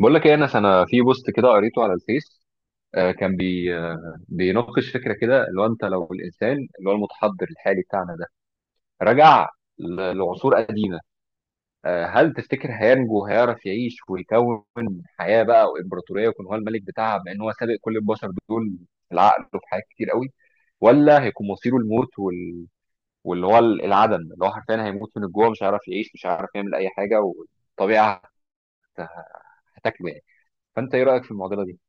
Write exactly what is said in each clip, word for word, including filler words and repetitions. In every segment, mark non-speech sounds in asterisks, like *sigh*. بقول لك ايه انا انا في بوست كده قريته على الفيس. آه، كان بي آه، بيناقش فكره كده، اللي هو انت لو الانسان اللي هو المتحضر الحالي بتاعنا ده رجع ل- لعصور قديمه، آه، هل تفتكر هينجو؟ هيعرف يعيش ويكون حياه بقى وامبراطوريه ويكون هو الملك بتاعها، بما ان هو سابق كل البشر دول في العقل وفي حاجات كتير قوي؟ ولا هيكون مصيره الموت وال... واللي هو العدم، اللي هو حرفيا هيموت من الجوع، مش هيعرف يعيش، مش هيعرف يعمل اي حاجه، والطبيعه هت- هتاكله يعني. فانت ايه رايك في المعضله دي؟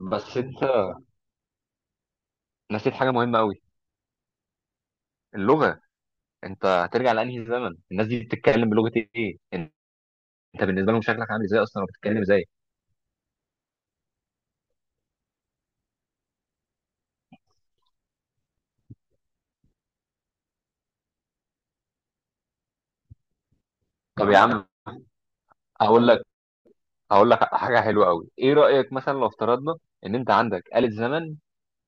بس انت نسيت حاجه مهمه قوي. اللغه. انت هترجع لانهي زمن؟ الناس دي بتتكلم بلغه ايه؟ انت بالنسبه لهم شكلك عامل ازاي اصلا، وبتتكلم ازاي؟ طب يا عم هقول لك، هقول لك حاجه حلوه قوي. ايه رايك مثلا لو افترضنا ان انت عندك آلة زمن،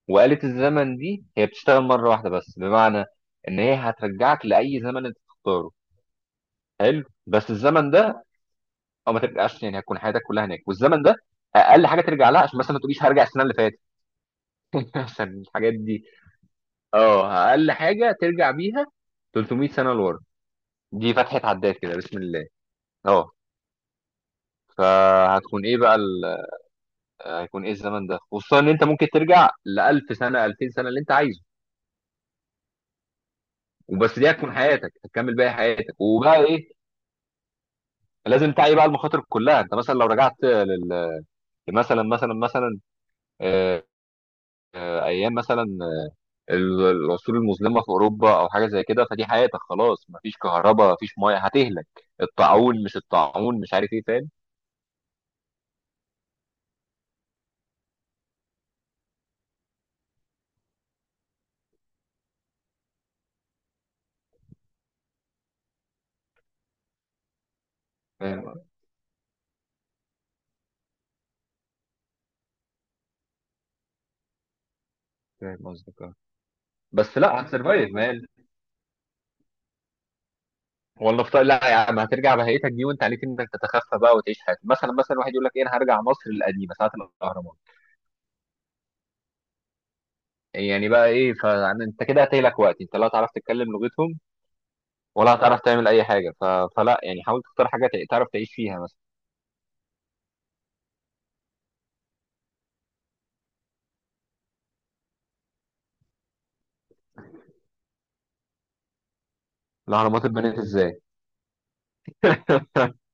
وآلة الزمن دي هي بتشتغل مره واحده بس؟ بمعنى ان هي هترجعك لاي زمن انت تختاره. حلو، بس الزمن ده، او ما ترجعش يعني هتكون حياتك كلها هناك. والزمن ده اقل حاجه ترجع لها، عشان مثلا ما تقوليش هرجع السنه اللي فاتت. *laughs* عشان الحاجات دي. اه، اقل حاجه ترجع بيها تلت ميت سنه لورا، دي فتحه عداد كده بسم الله. اه. فهتكون ايه بقى ال... هيكون ايه الزمن ده، خصوصا ان انت ممكن ترجع ل ألف سنه، ألفين سنه، اللي انت عايزه؟ وبس، دي هتكون حياتك، هتكمل باقي حياتك. وبقى ايه، لازم تعي بقى المخاطر كلها. انت مثلا لو رجعت لل... مثلا مثلا مثلا آه، آه، ايام مثلا ال- العصور المظلمه في اوروبا او حاجه زي كده، فدي حياتك خلاص. مفيش كهرباء، مفيش ميه، هتهلك. الطاعون، مش الطاعون، مش عارف ايه. فاهم، فاهم قصدك. اه. بس لا هتسرفايف مان. ولا فط... لا يا عم، هترجع بهيئتك دي وانت عليك انك تتخفى بقى وتعيش حياتك. مثلا مثلا واحد يقول لك ايه، انا هرجع مصر القديمه ساعه الاهرامات. يعني بقى ايه؟ فانت كده هتهلك، وقت انت لا هتعرف تتكلم لغتهم، ولا هتعرف تعمل اي حاجه. ف... فلا يعني، حاول تختار حاجه تع- تعرف تعيش فيها مثلا. الاهرامات اتبنت ازاي؟ *laughs*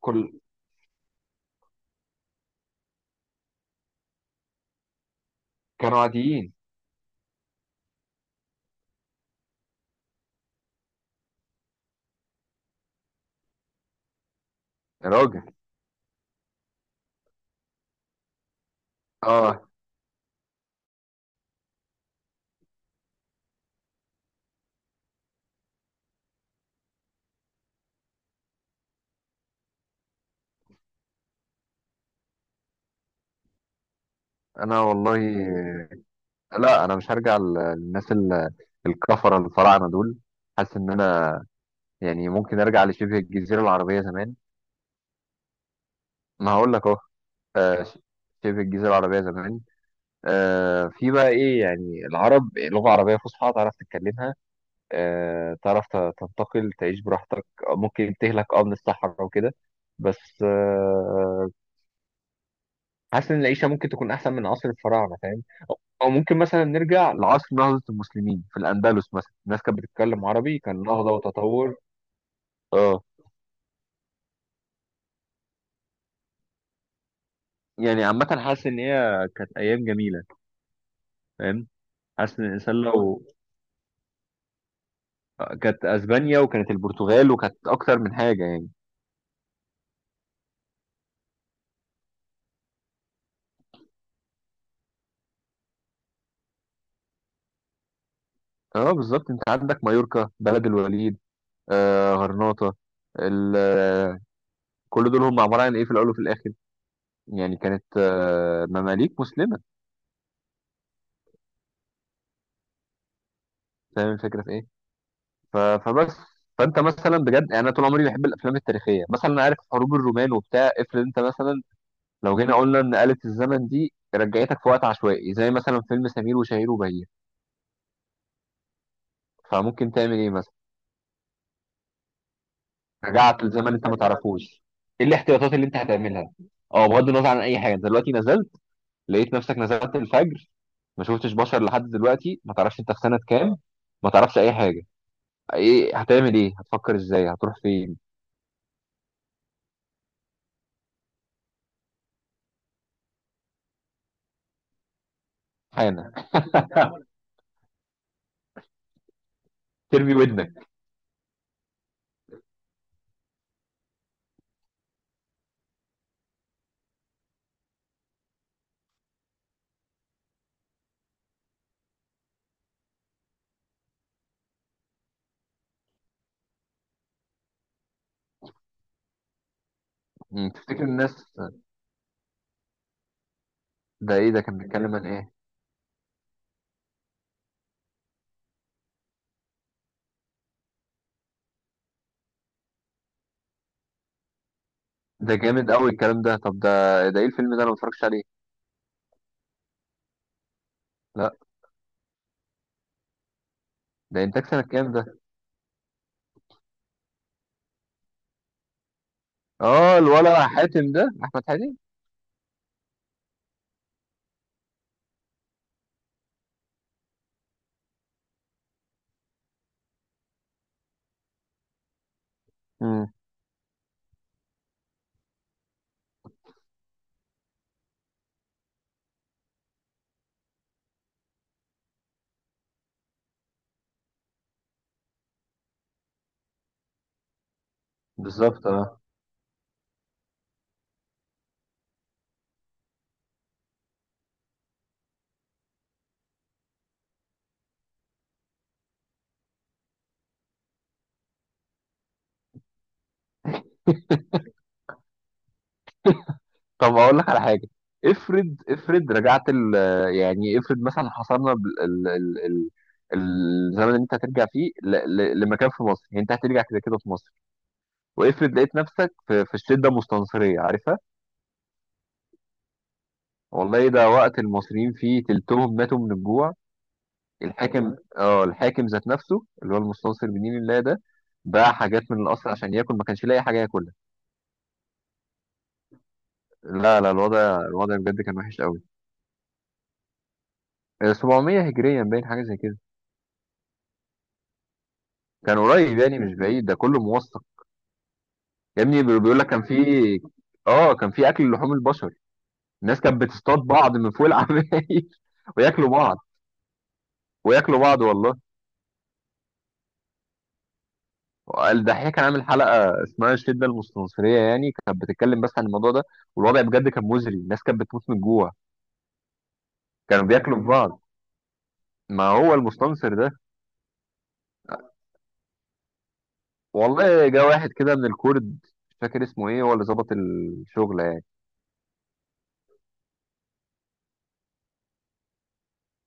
كل... كانوا عاديين. يا راجل. اه. انا والله لا، انا مش هرجع ل- للناس ال- الكفره الفراعنه دول. حاسس ان، يعني ممكن ارجع لشبه الجزيره العربيه زمان. ما هقول لك اهو. آه، ش- شبه الجزيره العربيه زمان، آه، في بقى ايه، يعني العرب، لغه عربيه فصحى تعرف تتكلمها، آه، تعرف ت- تنتقل، تعيش براحتك، ممكن تهلك اه من الصحراء وكده. بس آه، حاسس ان العيشه ممكن تكون احسن من عصر الفراعنه، فاهم. او ممكن مثلا نرجع لعصر نهضه المسلمين في الاندلس مثلا. الناس كانت بتتكلم عربي، كان نهضه وتطور. اه، يعني عامه حاسس ان هي كانت ايام جميله، فاهم. حاسس ان الانسان لو، كانت اسبانيا وكانت البرتغال وكانت اكتر من حاجه يعني. اه بالظبط، انت عندك مايوركا، بلد الوليد، آه غرناطه، ال- *laughs* آه، كل دول هم عباره عن ايه في الاول وفي الاخر؟ يعني كانت آه مماليك مسلمه. فاهم الفكره في ايه. ف- فبس. فانت مثلا بجد يعني، انا طول عمري بحب الافلام التاريخيه مثلا، انا عارف حروب الرومان وبتاع. افرض انت مثلا، لو جينا قلنا ان آلة الزمن دي رجعتك في وقت عشوائي زي مثلا فيلم سمير وشهير وبهير، فممكن تعمل ايه مثلا؟ رجعت لزمن انت ما تعرفوش، ايه الاحتياطات اللي انت هتعملها؟ اه، بغض النظر عن اي حاجه، انت دلوقتي نزلت، لقيت نفسك نزلت الفجر، ما شفتش بشر لحد دلوقتي، ما تعرفش انت في سنه كام، ما تعرفش اي حاجه. ايه هتعمل؟ ايه هتفكر ازاي؟ هتروح فين؟ حانا. *laughs* ترمي ودنك. مم، تفتكر الناس؟ ده ايه ده؟ كان بيتكلم عن ايه؟ ده جامد قوي الكلام ده. طب ده ده ايه الفيلم ده؟ انا ما اتفرجتش عليه. لا. ده انتاج سنه كام ده؟ اه، الولا حاتم ده، احمد حاتم. امم. بالظبط. اه. طب اقول لك على حاجه. افرض افرض رجعت ال، يعني افرض مثلا حصلنا بال- ال ال ال الزمن اللي انت هترجع فيه ل- ل- لمكان في مصر، يعني انت هترجع كده كده في مصر. وافرض لقيت نفسك في, في الشده المستنصريه، عارفها؟ والله ده وقت المصريين فيه تلتهم ماتوا من الجوع. الحاكم، والله اه الحاكم ذات نفسه اللي هو المستنصر بنين الله ده، باع حاجات من القصر عشان ياكل، ما كانش لاقي حاجه ياكلها. لا لا، الوضع الوضع بجد كان وحش قوي. سبعمية هجريا باين، حاجه زي كده، كان قريب يعني مش بعيد. ده كله موثق. يا ابني بي- بيقول لك كان في، اه كان في اكل لحوم البشر. الناس كانت بتصطاد بعض من فوق العمايل *laughs* وياكلوا بعض. وياكلوا بعض والله. الدحيح كان عامل حلقه اسمها الشده المستنصريه، يعني كانت بتتكلم بس عن الموضوع ده. والوضع بجد كان مزري، الناس كانت بتموت من الجوع، كانوا بياكلوا في بعض. ما هو المستنصر ده. والله جه واحد كده من الكرد، مش فاكر اسمه ايه، هو اللي ظبط الشغل يعني.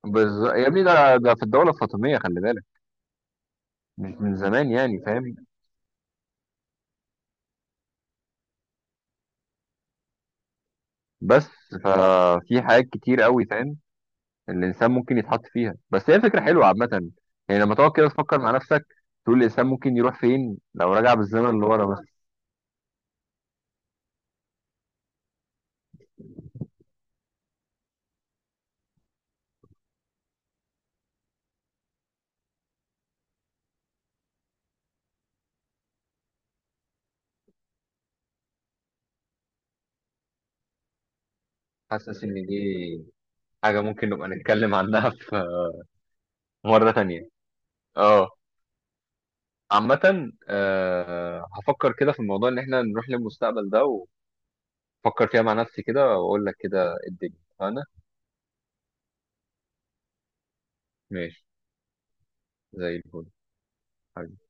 بز... يا ابني ده ده في الدوله الفاطميه خلي بالك، مش من زمان يعني، فاهم. بس، ففي حاجات كتير قوي فاهم، الانسان ممكن يتحط فيها. بس هي فكره حلوه عامه، يعني لما تقعد كده تفكر مع نفسك، تقول الانسان ممكن يروح فين لو رجع بالزمن لورا. بس. حاسس ان دي حاجة ممكن نبقى نتكلم عنها *laughs* في مرة تانية. اه. عامة آه، هفكر كده في الموضوع ان احنا نروح للمستقبل ده، وفكر فيها مع نفسي كده، واقول لك كده الدنيا. انا ماشي. زي الفل. حبيبي.